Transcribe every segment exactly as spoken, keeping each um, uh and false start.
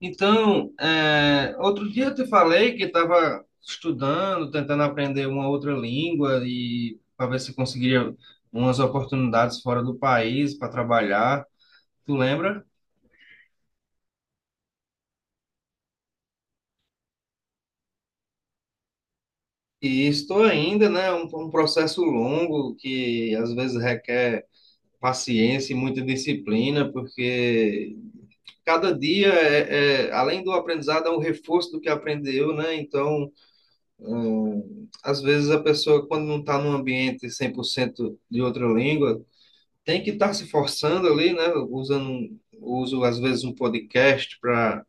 Então, é, outro dia eu te falei que estava estudando, tentando aprender uma outra língua e para ver se conseguiria umas oportunidades fora do país para trabalhar. Tu lembra? E estou ainda, né? Um, um processo longo que às vezes requer paciência e muita disciplina, porque cada dia, é, é, além do aprendizado, é um reforço do que aprendeu, né? Então, Hum, às vezes a pessoa, quando não está num ambiente cem por cento de outra língua, tem que estar se forçando ali, né? Usando, um- uso às vezes um podcast para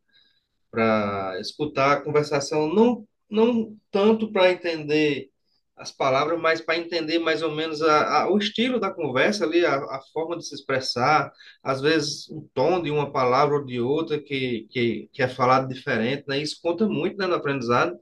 para escutar a conversação, não, não tanto para entender as palavras, mas para entender mais ou menos a, a- o estilo da conversa ali, a, a forma de se expressar, às vezes o tom de uma palavra ou de outra que, que, que é falado diferente, né? Isso conta muito, né, no aprendizado.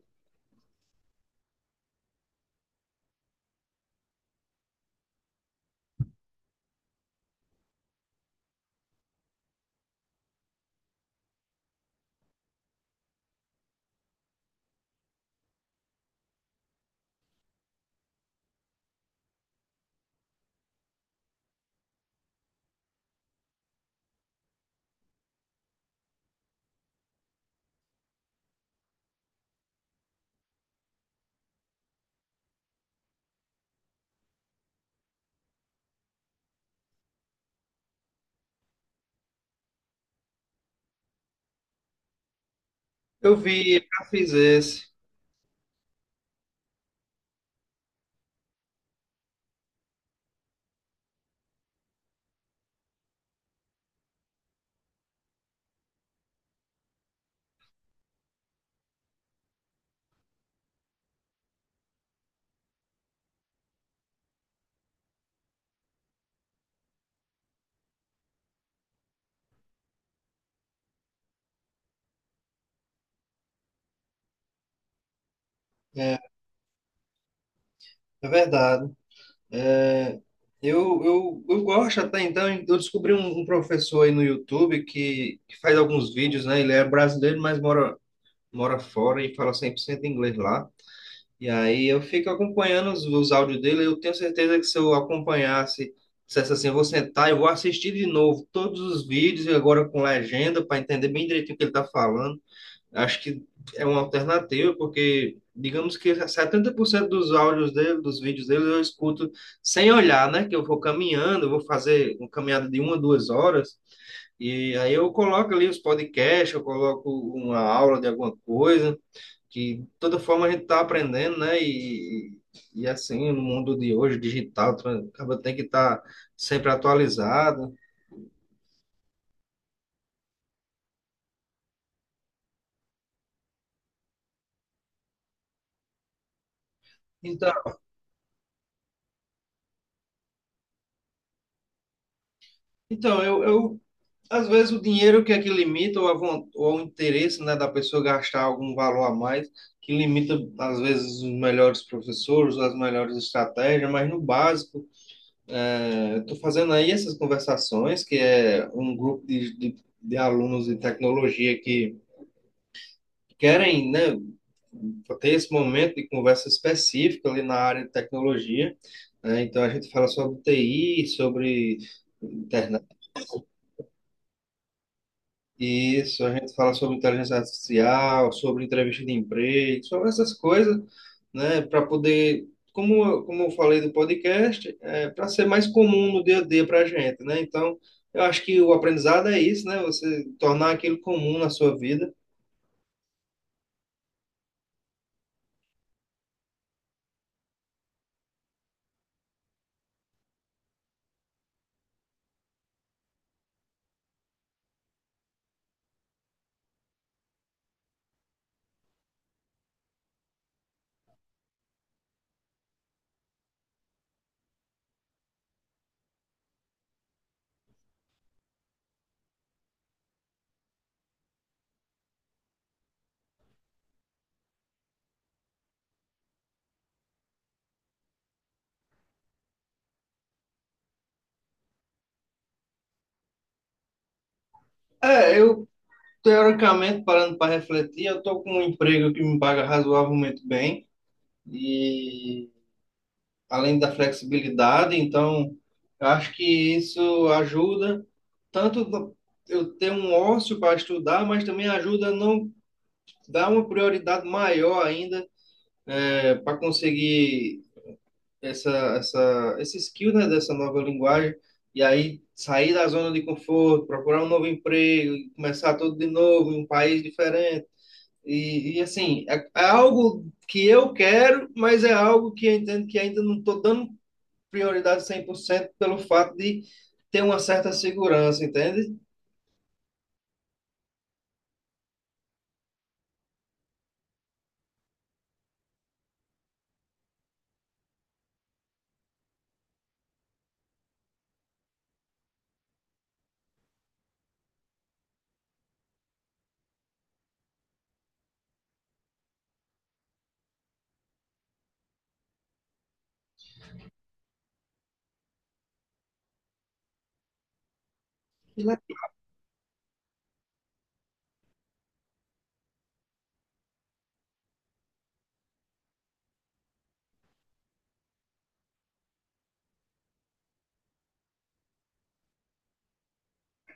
Eu vi, já fiz esse. É, é verdade. É, eu, eu, eu gosto até então. Eu descobri um, um professor aí no YouTube que, que faz alguns vídeos, né? Ele é brasileiro, mas mora, mora fora e fala cem por cento inglês lá. E aí eu fico acompanhando os, os áudios dele. Eu tenho certeza que se eu acompanhasse, dissesse assim: eu vou sentar e vou assistir de novo todos os vídeos, e agora com legenda, para entender bem direitinho o que ele está falando. Acho que é uma alternativa, porque digamos que setenta por cento dos áudios dele, dos vídeos dele, eu escuto sem olhar, né? Que eu vou caminhando, eu vou fazer uma caminhada de uma, duas horas, e aí eu coloco ali os podcasts, eu coloco uma aula de alguma coisa, que de toda forma a gente está aprendendo, né? E, e assim, no mundo de hoje, digital, tu acaba tem que estar sempre atualizado. Então, então eu, eu Às vezes o dinheiro que é que limita, ou, a von- ou o interesse, né, da pessoa gastar algum valor a mais, que limita, às vezes, os melhores professores, as melhores estratégias, mas no básico, é, estou fazendo aí essas conversações, que é um grupo de, de, de alunos de tecnologia que querem, né, ter esse momento de conversa específica ali na área de tecnologia, né? Então a gente fala sobre T I, sobre internet. Isso, a gente fala sobre inteligência artificial, sobre entrevista de emprego, sobre essas coisas, né, para poder, como, eu- como eu falei do podcast, é, para ser mais comum no dia a dia para a gente, né? Então, eu acho que o aprendizado é isso, né? Você tornar aquilo comum na sua vida. É, eu, teoricamente, parando para refletir, eu estou com um emprego que me paga razoavelmente bem além da flexibilidade, então eu acho que isso ajuda tanto do- eu ter um ócio para estudar, mas também ajuda a não dar uma prioridade maior ainda para conseguir essa, essa, esse skill, né, dessa nova linguagem, e aí sair da zona de conforto, procurar um novo emprego, e começar tudo de novo em um país diferente. E, e assim, é, é algo que eu quero, mas é algo que eu entendo que ainda não estou dando prioridade cem por cento pelo fato de ter uma certa segurança, entende?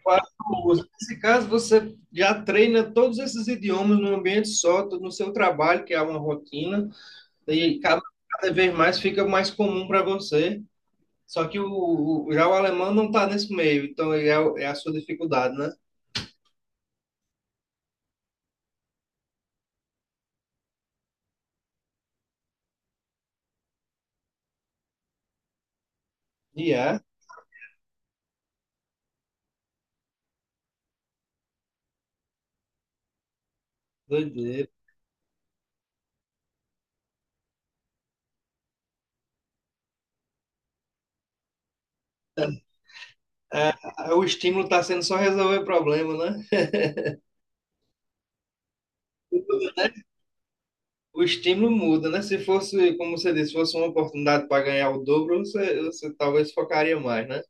Quatro línguas. Nesse caso, você já treina todos esses idiomas num ambiente só, no seu trabalho, que é uma rotina, e cada, cada vez mais fica mais comum para você. Só que o, o- já o alemão não está nesse meio, então ele é, o- é a sua dificuldade, né? E é, doideira. É, o estímulo está sendo só resolver problema, né? O estímulo muda, né? Se fosse, como você disse, fosse uma oportunidade para ganhar o dobro, você, você talvez focaria mais, né?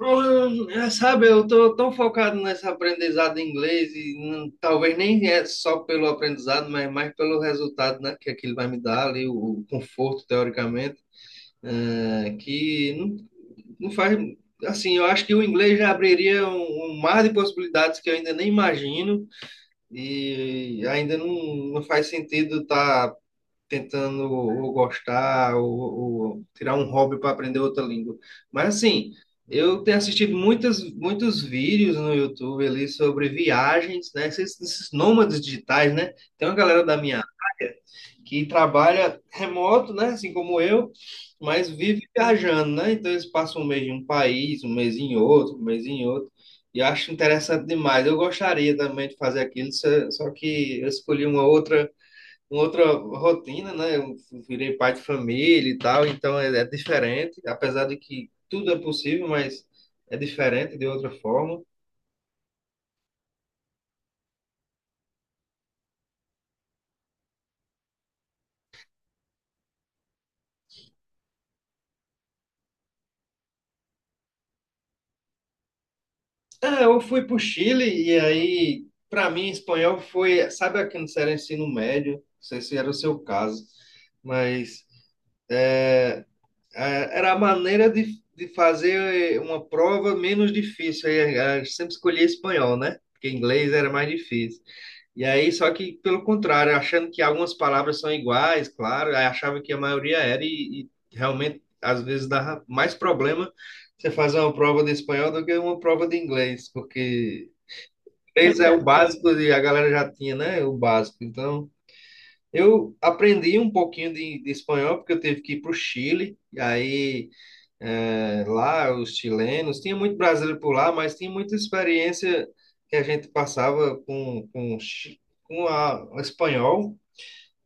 Eu- eu- Sabe, eu tô tão focado nesse aprendizado em inglês e hum, talvez nem é só pelo aprendizado, mas mais pelo resultado, né? Que aquilo vai me dar ali, o, o conforto, teoricamente, é, que não, não faz. Assim, eu acho que o inglês já abriria um, um mar de possibilidades que eu ainda nem imagino e ainda não, não faz sentido estar tentando ou gostar ou, ou tirar um hobby para aprender outra língua. Mas assim, eu tenho assistido muitas, muitos vídeos no YouTube ali sobre viagens, né? Esses, esses nômades digitais, né? Tem uma galera da minha área que trabalha remoto, né? Assim como eu, mas vive viajando, né? Então eles passam um mês em um país, um mês em outro, um mês em outro. E eu acho interessante demais. Eu gostaria também de fazer aquilo, só só que eu escolhi uma outra uma outra rotina, né? Eu virei pai de família e tal, então é, é diferente, apesar de que tudo é possível, mas é diferente de outra forma. Ah, eu fui para o Chile e aí, para mim, espanhol foi, sabe, aqui no era ensino médio, não sei se era o seu caso, mas É, Era a maneira de, de fazer eh, uma prova menos difícil. Aí, eh, Eu sempre escolhia espanhol, né? Porque inglês era mais difícil. E aí, só que pelo contrário, achando que algumas palavras são iguais, claro, aí achava que a maioria era e, e realmente às vezes dava mais problema você fazer uma prova de espanhol do que uma prova de inglês, porque inglês é o básico e a galera já tinha, né? O básico. Então, eu aprendi um pouquinho de, de espanhol porque eu tive que ir para o Chile, e aí. É, lá, os chilenos, tinha muito brasileiro por lá, mas tinha muita experiência que a gente passava com, com, chi- com a, o espanhol.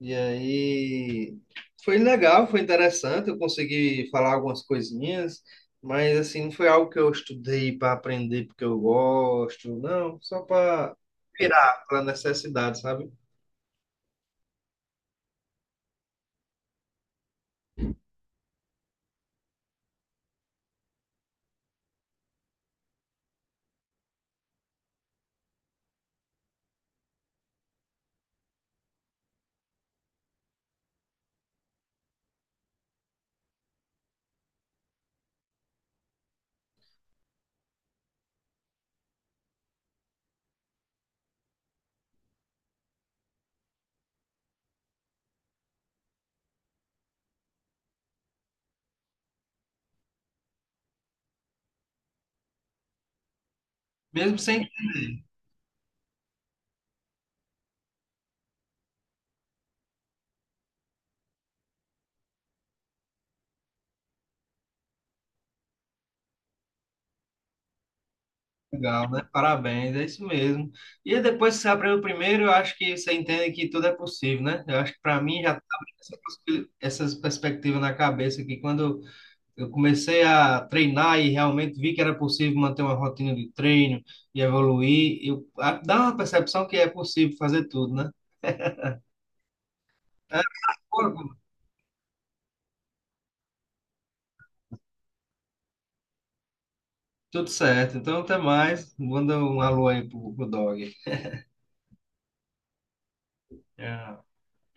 E aí foi legal, foi interessante. Eu consegui falar algumas coisinhas, mas assim, não foi algo que eu estudei para aprender porque eu gosto, não, só para virar, pela necessidade, sabe? Mesmo sem Legal, né? Parabéns, é isso mesmo. E aí, depois que você aprende o primeiro, eu acho que você entende que tudo é possível, né? Eu acho que para mim já estava essa, possi- essas perspectivas na cabeça que quando eu comecei a treinar e realmente vi que era possível manter uma rotina de treino e evoluir, eu a- dá uma percepção que é possível fazer tudo, né? É, pô, tudo certo. Então, até mais. Manda um alô aí pro, pro dog. É.